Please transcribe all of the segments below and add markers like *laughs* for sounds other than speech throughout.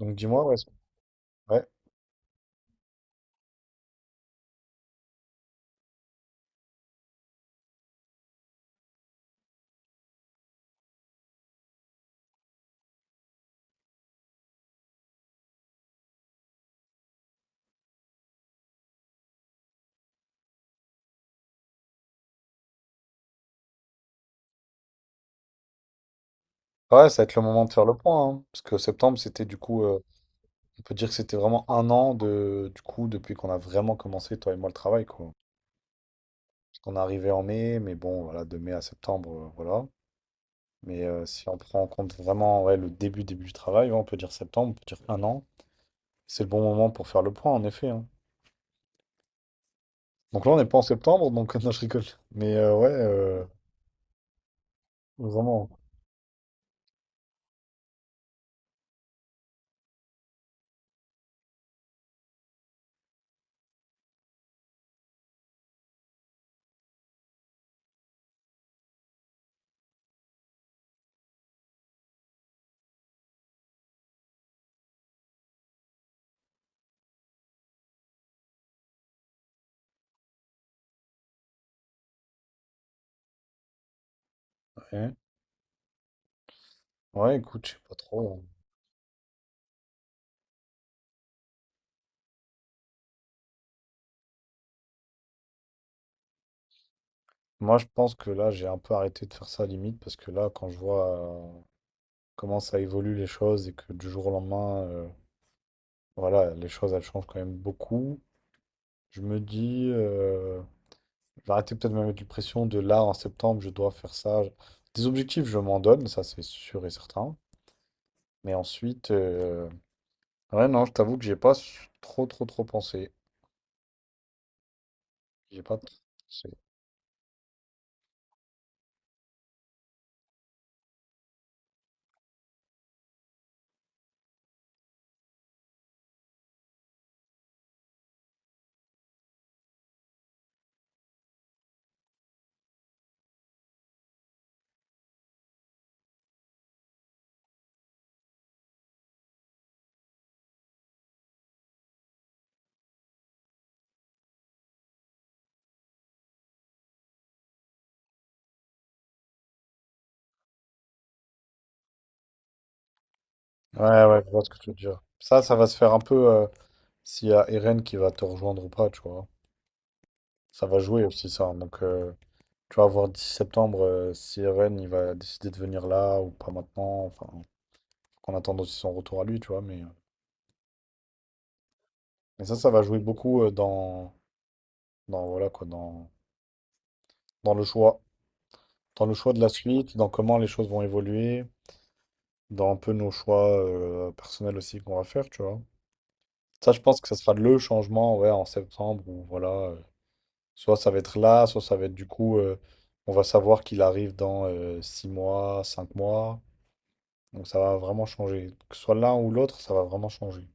Donc dis-moi, ouais, ouais. Ouais, ça va être le moment de faire le point, hein, parce que septembre, c'était du coup, on peut dire que c'était vraiment un an du coup, depuis qu'on a vraiment commencé, toi et moi, le travail, quoi. Parce qu'on est arrivé en mai, mais bon, voilà, de mai à septembre, voilà. Mais si on prend en compte vraiment ouais, le début, début du travail, ouais, on peut dire septembre, on peut dire un an. C'est le bon moment pour faire le point, en effet, hein. Donc là, on n'est pas en septembre, donc *laughs* non, je rigole. Mais ouais, vraiment. Ouais, ouais, écoute, je sais pas trop, hein. Moi, je pense que là, j'ai un peu arrêté de faire ça limite parce que là, quand je vois comment ça évolue les choses et que du jour au lendemain, voilà, les choses, elles changent quand même beaucoup, je me dis, je vais arrêter peut-être de me mettre une pression de là, en septembre, je dois faire ça. Des objectifs, je m'en donne, ça c'est sûr et certain. Mais ensuite, ouais, non, je t'avoue que j'ai pas trop, trop, trop pensé. J'ai pas trop pensé. Ouais, ouais, je vois ce que tu veux dire. Ça va se faire un peu s'il y a Eren qui va te rejoindre ou pas, tu vois. Ça va jouer aussi ça. Donc, tu vas voir 10 septembre si Eren il va décider de venir là ou pas maintenant. Enfin, faut qu'on attende aussi son retour à lui, tu vois. Mais ça, ça va jouer beaucoup dans, voilà, quoi, dans le choix. Dans le choix de la suite, dans comment les choses vont évoluer, dans un peu nos choix personnels aussi qu'on va faire, tu vois. Ça, je pense que ça sera le changement, ouais, en septembre, où voilà, soit ça va être là, soit ça va être du coup, on va savoir qu'il arrive dans 6 mois, 5 mois. Donc ça va vraiment changer. Que ce soit l'un ou l'autre, ça va vraiment changer.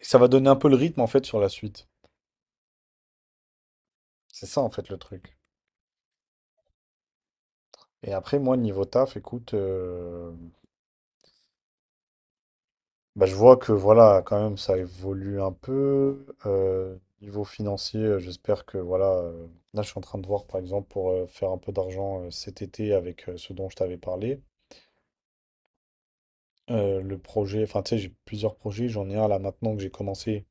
Et ça va donner un peu le rythme en fait sur la suite. C'est ça en fait le truc. Et après, moi, niveau taf, écoute, bah, je vois que voilà, quand même, ça évolue un peu. Niveau financier, j'espère que voilà. Là, je suis en train de voir, par exemple, pour faire un peu d'argent cet été avec ce dont je t'avais parlé. Le projet, enfin, tu sais, j'ai plusieurs projets. J'en ai un là maintenant que j'ai commencé,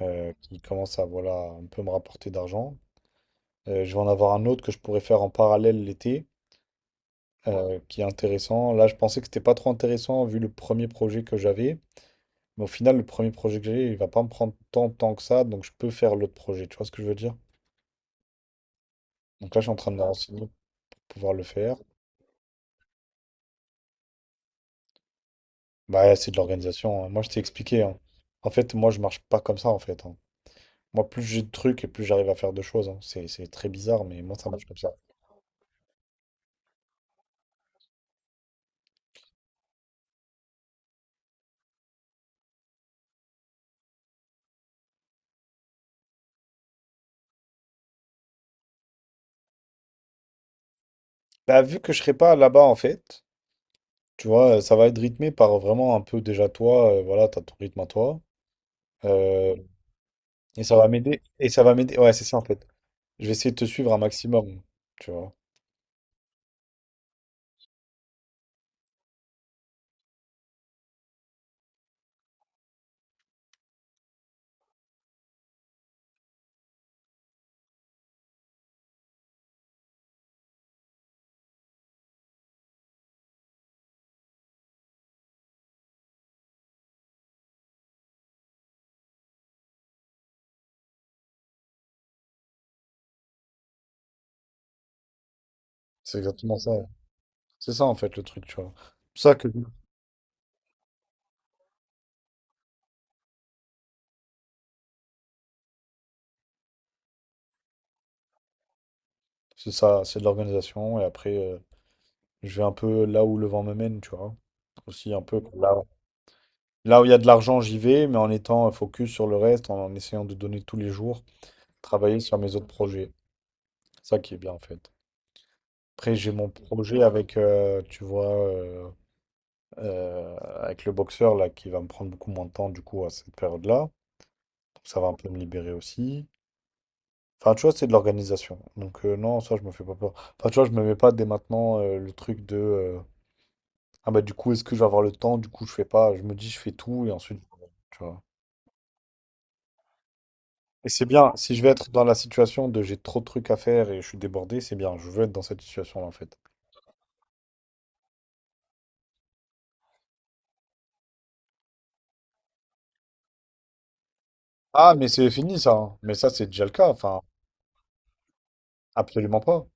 qui commence à voilà un peu me rapporter d'argent. Je vais en avoir un autre que je pourrais faire en parallèle l'été, qui est intéressant. Là, je pensais que c'était pas trop intéressant vu le premier projet que j'avais. Mais au final, le premier projet que j'ai, il va pas me prendre tant de temps que ça, donc je peux faire l'autre projet. Tu vois ce que je veux dire? Donc là, je suis en train de me renseigner pour pouvoir le faire. Bah, c'est de l'organisation, hein. Moi, je t'ai expliqué, hein. En fait, moi, je marche pas comme ça, en fait, hein. Moi, plus j'ai de trucs et plus j'arrive à faire de choses, hein. C'est très bizarre, mais moi, ça marche comme ça. Bah, vu que je serai pas là-bas, en fait. Tu vois, ça va être rythmé par vraiment un peu déjà toi, voilà, t'as ton rythme à toi. Euh, et ça va m'aider. Et ça va m'aider. Ouais, c'est ça en fait. Je vais essayer de te suivre un maximum, tu vois. C'est exactement ça. C'est ça en fait le truc, tu vois. C'est ça que c'est ça, c'est de l'organisation. Et après, je vais un peu là où le vent me mène, tu vois. Aussi un peu là. Là où il y a de l'argent, j'y vais, mais en étant focus sur le reste, en essayant de donner tous les jours, travailler sur mes autres projets. Ça qui est bien en fait. Après, j'ai mon projet tu vois, euh, avec le boxeur là, qui va me prendre beaucoup moins de temps du coup à cette période-là. Donc, ça va un peu me libérer aussi. Enfin, tu vois, c'est de l'organisation. Donc non, ça, je me fais pas peur. Enfin, tu vois, je me mets pas dès maintenant le truc de ah bah du coup, est-ce que je vais avoir le temps? Du coup, je fais pas. Je me dis, je fais tout et ensuite, tu vois. Et c'est bien, si je vais être dans la situation de j'ai trop de trucs à faire et je suis débordé, c'est bien, je veux être dans cette situation-là en fait. Ah, mais c'est fini ça, hein. Mais ça c'est déjà le cas, enfin, absolument pas.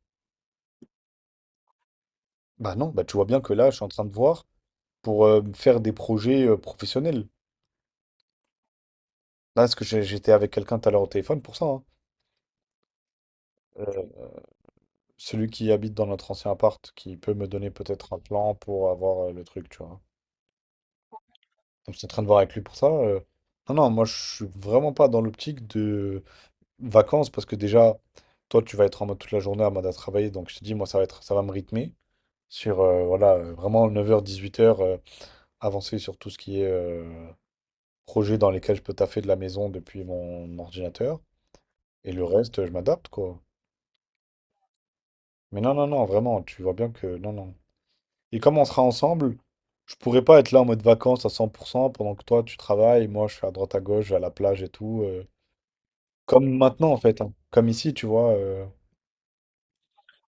Bah non, bah tu vois bien que là, je suis en train de voir pour faire des projets professionnels. Là, parce que j'étais avec quelqu'un tout à l'heure au téléphone pour ça, hein. Euh, Celui qui habite dans notre ancien appart, qui peut me donner peut-être un plan pour avoir le truc, tu vois. Donc je suis en train de voir avec lui pour ça. Non, non, moi je suis vraiment pas dans l'optique de vacances parce que déjà, toi, tu vas être en mode toute la journée en mode à travailler. Donc, je te dis, moi, ça va me rythmer sur voilà, vraiment 9 heures 18 heures avancer sur tout ce qui est projet dans lesquels je peux taffer de la maison depuis mon ordinateur. Et le reste, je m'adapte, quoi. Mais non, non, non, vraiment, tu vois bien que non, non. Et comme on sera ensemble, je pourrais pas être là en mode vacances à 100% pendant que toi, tu travailles, moi, je suis à droite à gauche, je vais à la plage et tout, comme maintenant, en fait, hein. Comme ici, tu vois.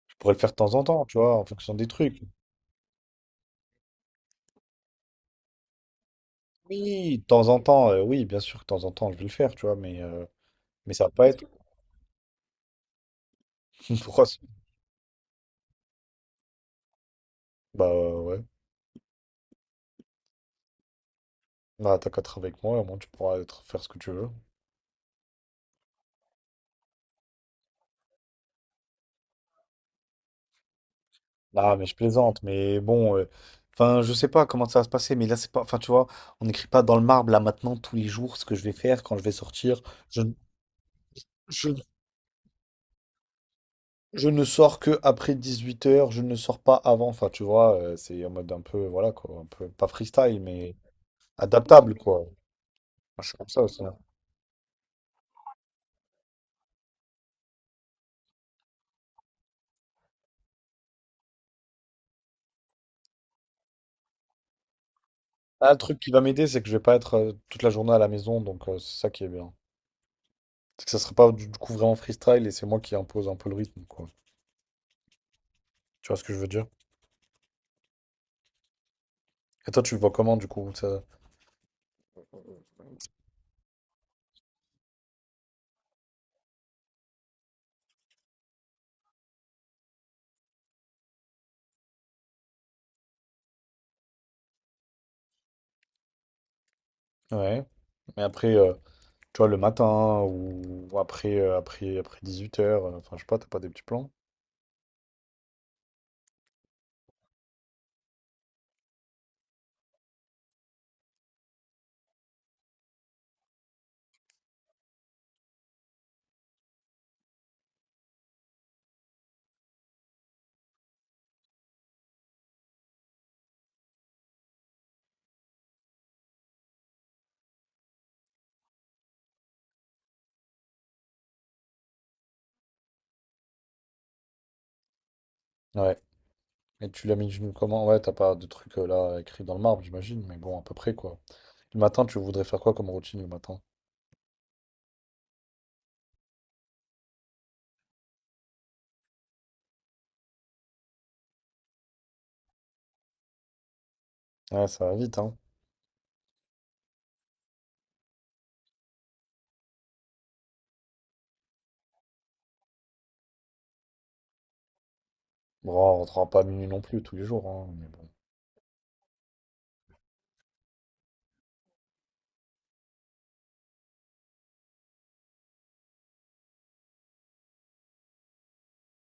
Je pourrais le faire de temps en temps, tu vois, en fonction des trucs. Oui, de temps en temps, oui, bien sûr, de temps en temps, je vais le faire, tu vois, mais, mais ça va pas être. *laughs* Pourquoi Bah ouais. Bah, t'as qu'à être avec moi, au moins tu pourras faire ce que tu veux. Ah, mais je plaisante, mais bon, enfin, je sais pas comment ça va se passer, mais là, c'est pas. Enfin, tu vois, on n'écrit pas dans le marbre, là, maintenant, tous les jours, ce que je vais faire quand je vais sortir. Je, ne- je, je ne sors que après 18 heures, je ne sors pas avant. Enfin, tu vois, c'est en mode un peu, voilà, quoi, un peu, pas freestyle, mais adaptable, quoi. Moi, je suis comme ça aussi, hein. Ah, le truc qui va m'aider, c'est que je vais pas être toute la journée à la maison, donc c'est ça qui est bien. C'est que ça sera pas du coup vraiment freestyle et c'est moi qui impose un peu le rythme, quoi. Tu vois ce que je veux dire? Et toi, tu le vois comment du coup? Ça Ouais. Mais après, tu vois, le matin ou après, après 18h, enfin, je sais pas, t'as pas des petits plans? Ouais. Et tu l'as mis d'une comment? Ouais, t'as pas de truc là écrit dans le marbre, j'imagine, mais bon, à peu près quoi. Le matin, tu voudrais faire quoi comme routine le matin? Ouais, ça va vite, hein. Bon, on rentrera pas à minuit non plus tous les jours, hein, mais bon.